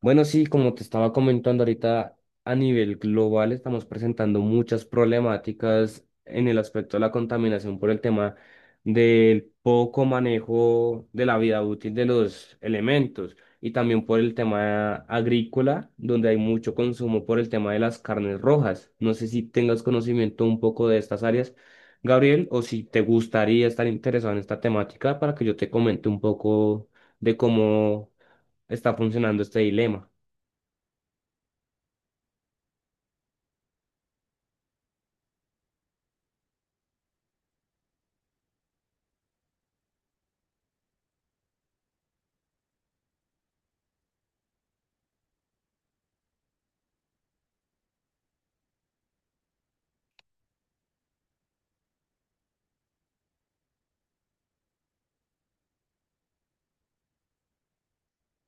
Bueno, sí, como te estaba comentando ahorita, a nivel global estamos presentando muchas problemáticas en el aspecto de la contaminación por el tema del poco manejo de la vida útil de los elementos y también por el tema agrícola, donde hay mucho consumo por el tema de las carnes rojas. No sé si tengas conocimiento un poco de estas áreas, Gabriel, o si te gustaría estar interesado en esta temática para que yo te comente un poco de cómo está funcionando este dilema.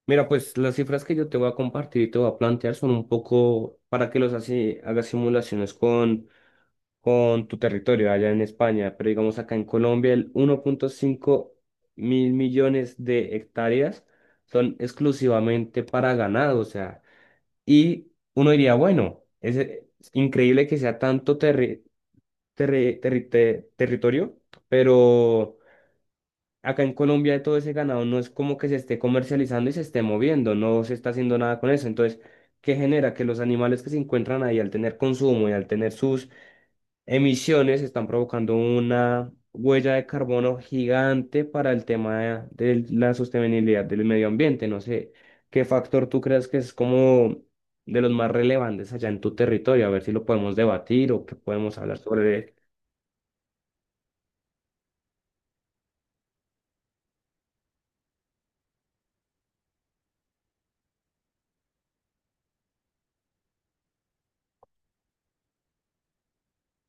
Mira, pues las cifras que yo te voy a compartir y te voy a plantear son un poco para que los así hagas simulaciones con tu territorio allá en España, pero digamos acá en Colombia el 1.500 millones de hectáreas son exclusivamente para ganado, o sea, y uno diría, bueno, es increíble que sea tanto territorio, pero acá en Colombia todo ese ganado no es como que se esté comercializando y se esté moviendo, no se está haciendo nada con eso. Entonces, ¿qué genera? Que los animales que se encuentran ahí al tener consumo y al tener sus emisiones están provocando una huella de carbono gigante para el tema de la sostenibilidad del medio ambiente. No sé, ¿qué factor tú crees que es como de los más relevantes allá en tu territorio? A ver si lo podemos debatir o que podemos hablar sobre él.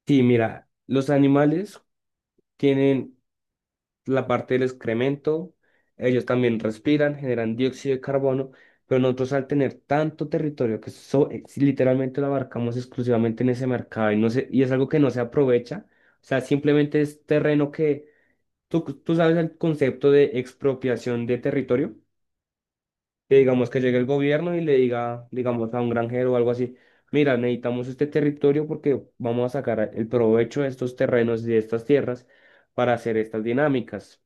Sí, mira, los animales tienen la parte del excremento, ellos también respiran, generan dióxido de carbono, pero nosotros al tener tanto territorio si literalmente lo abarcamos exclusivamente en ese mercado y es algo que no se aprovecha, o sea, simplemente es terreno que, tú sabes el concepto de expropiación de territorio, que digamos que llegue el gobierno y le diga, digamos, a un granjero o algo así. Mira, necesitamos este territorio porque vamos a sacar el provecho de estos terrenos y de estas tierras para hacer estas dinámicas.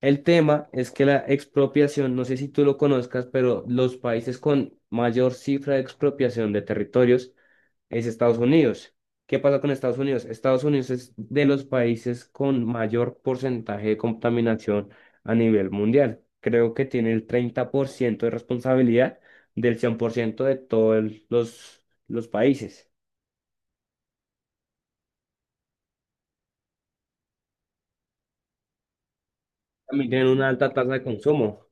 El tema es que la expropiación, no sé si tú lo conozcas, pero los países con mayor cifra de expropiación de territorios es Estados Unidos. ¿Qué pasa con Estados Unidos? Estados Unidos es de los países con mayor porcentaje de contaminación a nivel mundial. Creo que tiene el 30% de responsabilidad del 100% de todos los países. También tienen una alta tasa de consumo.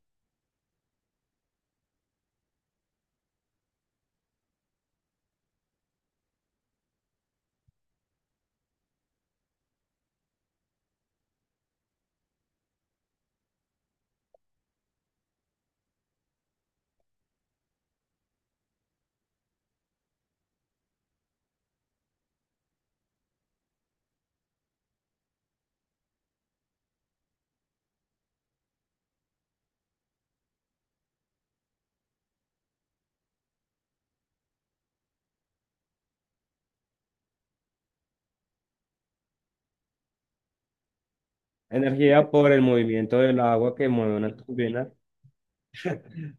Energía por el movimiento del agua que mueve una turbina.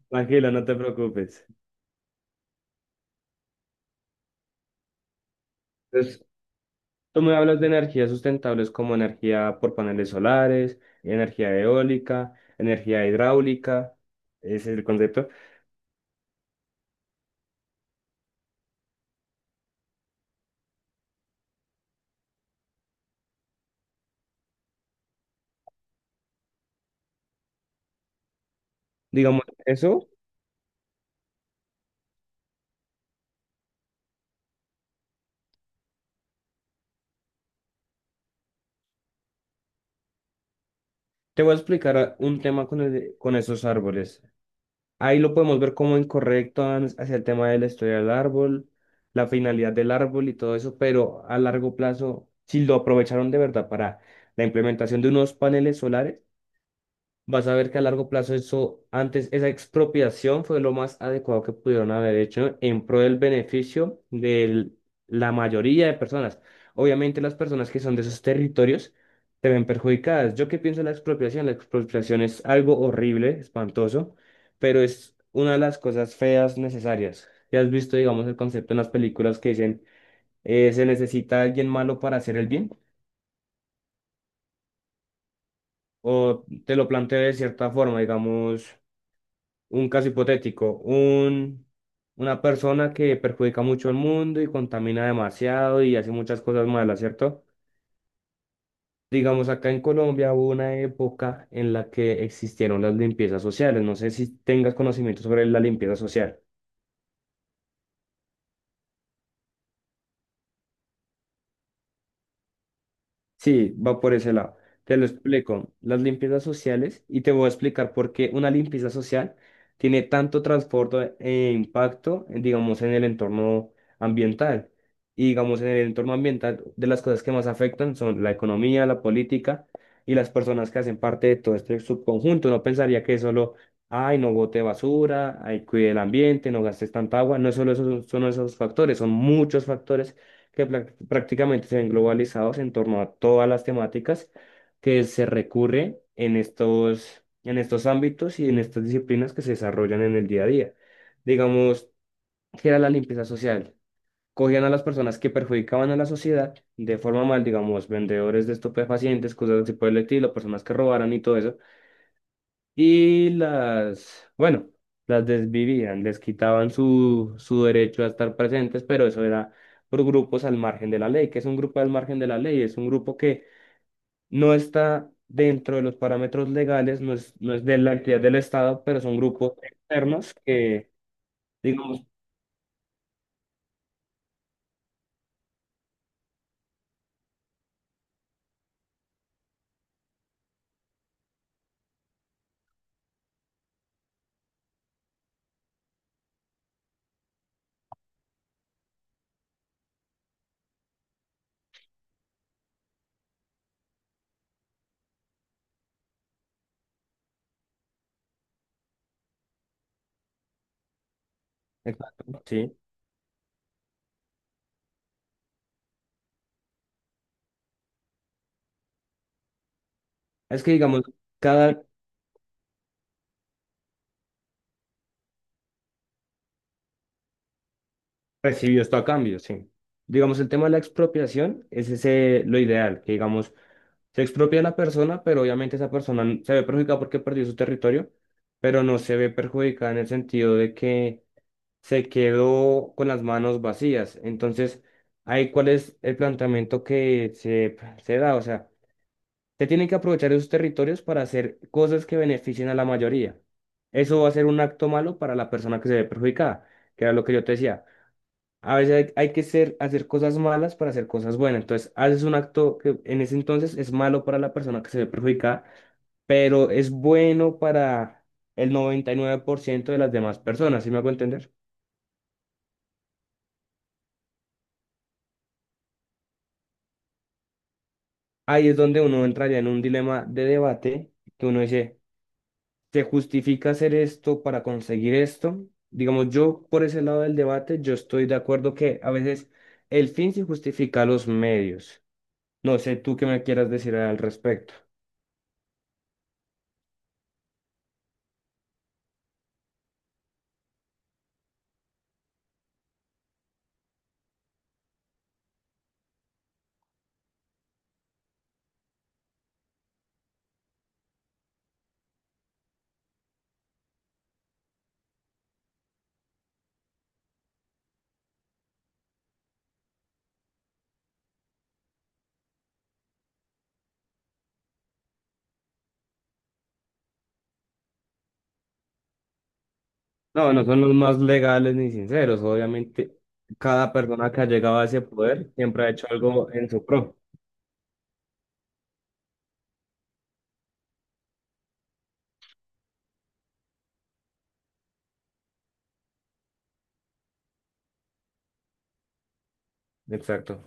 Tranquilo, no te preocupes. Entonces, tú me hablas de energías sustentables como energía por paneles solares, energía eólica, energía hidráulica, ese es el concepto. Digamos, eso te voy a explicar un tema con esos árboles. Ahí lo podemos ver como incorrecto hacia el tema de la historia del árbol, la finalidad del árbol y todo eso, pero a largo plazo, si lo aprovecharon de verdad para la implementación de unos paneles solares, vas a ver que a largo plazo eso, antes, esa expropiación fue lo más adecuado que pudieron haber hecho en pro del beneficio de la mayoría de personas. Obviamente las personas que son de esos territorios se ven perjudicadas. ¿Yo qué pienso de la expropiación? La expropiación es algo horrible, espantoso, pero es una de las cosas feas necesarias. ¿Ya has visto, digamos, el concepto en las películas que dicen se necesita alguien malo para hacer el bien? O te lo planteo de cierta forma, digamos. Un caso hipotético, una persona que perjudica mucho al mundo y contamina demasiado y hace muchas cosas malas, ¿cierto? Digamos, acá en Colombia hubo una época en la que existieron las limpiezas sociales. No sé si tengas conocimiento sobre la limpieza social. Sí, va por ese lado. Te lo explico. Las limpiezas sociales, y te voy a explicar por qué una limpieza social tiene tanto transporte e impacto, digamos, en el entorno ambiental. Y digamos, en el entorno ambiental, de las cosas que más afectan son la economía, la política y las personas que hacen parte de todo este subconjunto. No pensaría que es solo, ay, no bote basura, ay, cuide el ambiente, no gastes tanta agua. No es solo esos, son esos factores, son muchos factores que prácticamente se ven globalizados en torno a todas las temáticas que se recurre en estos ámbitos y en estas disciplinas que se desarrollan en el día a día. Digamos, ¿que era la limpieza social? Cogían a las personas que perjudicaban a la sociedad de forma mal, digamos, vendedores de estupefacientes, cosas así por el estilo, personas que robaran y todo eso y las, bueno, las desvivían, les quitaban su derecho a estar presentes, pero eso era por grupos al margen de la ley. ¿Que es un grupo al margen de la ley? Es un grupo que no está dentro de los parámetros legales, no es de la actividad del Estado, pero son grupos externos que, digamos, exacto, sí. Es que, digamos, cada recibió esto a cambio, sí. Digamos, el tema de la expropiación es ese lo ideal, que digamos, se expropia a la persona, pero obviamente esa persona se ve perjudicada porque perdió su territorio, pero no se ve perjudicada en el sentido de que se quedó con las manos vacías. Entonces, ¿ahí cuál es el planteamiento que se da? O sea, se tienen que aprovechar esos territorios para hacer cosas que beneficien a la mayoría. Eso va a ser un acto malo para la persona que se ve perjudicada, que era lo que yo te decía. A veces hay que hacer cosas malas para hacer cosas buenas. Entonces, haces un acto que en ese entonces es malo para la persona que se ve perjudicada, pero es bueno para el 99% de las demás personas, ¿sí me hago entender? Ahí es donde uno entraría en un dilema de debate, que uno dice, ¿se justifica hacer esto para conseguir esto? Digamos, yo por ese lado del debate, yo estoy de acuerdo que a veces el fin se justifica a los medios. No sé tú qué me quieras decir al respecto. No, no son los más legales ni sinceros. Obviamente, cada persona que ha llegado a ese poder siempre ha hecho algo en su pro. Exacto.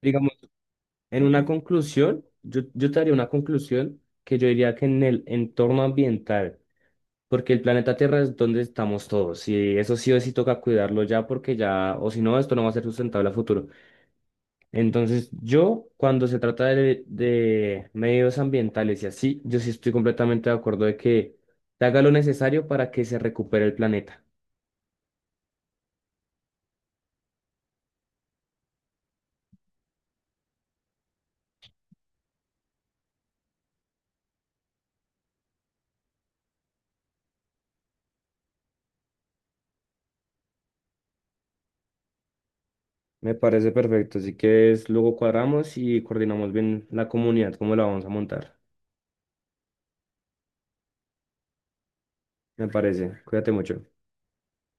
Digamos, en una conclusión, yo te haría una conclusión que yo diría que en el entorno ambiental, porque el planeta Tierra es donde estamos todos, y eso sí o sí toca cuidarlo ya, porque ya, o si no, esto no va a ser sustentable a futuro. Entonces, yo, cuando se trata de medios ambientales y así, yo sí estoy completamente de acuerdo de que se haga lo necesario para que se recupere el planeta. Me parece perfecto. Así que es, luego cuadramos y coordinamos bien la comunidad, cómo la vamos a montar. Me parece. Cuídate mucho.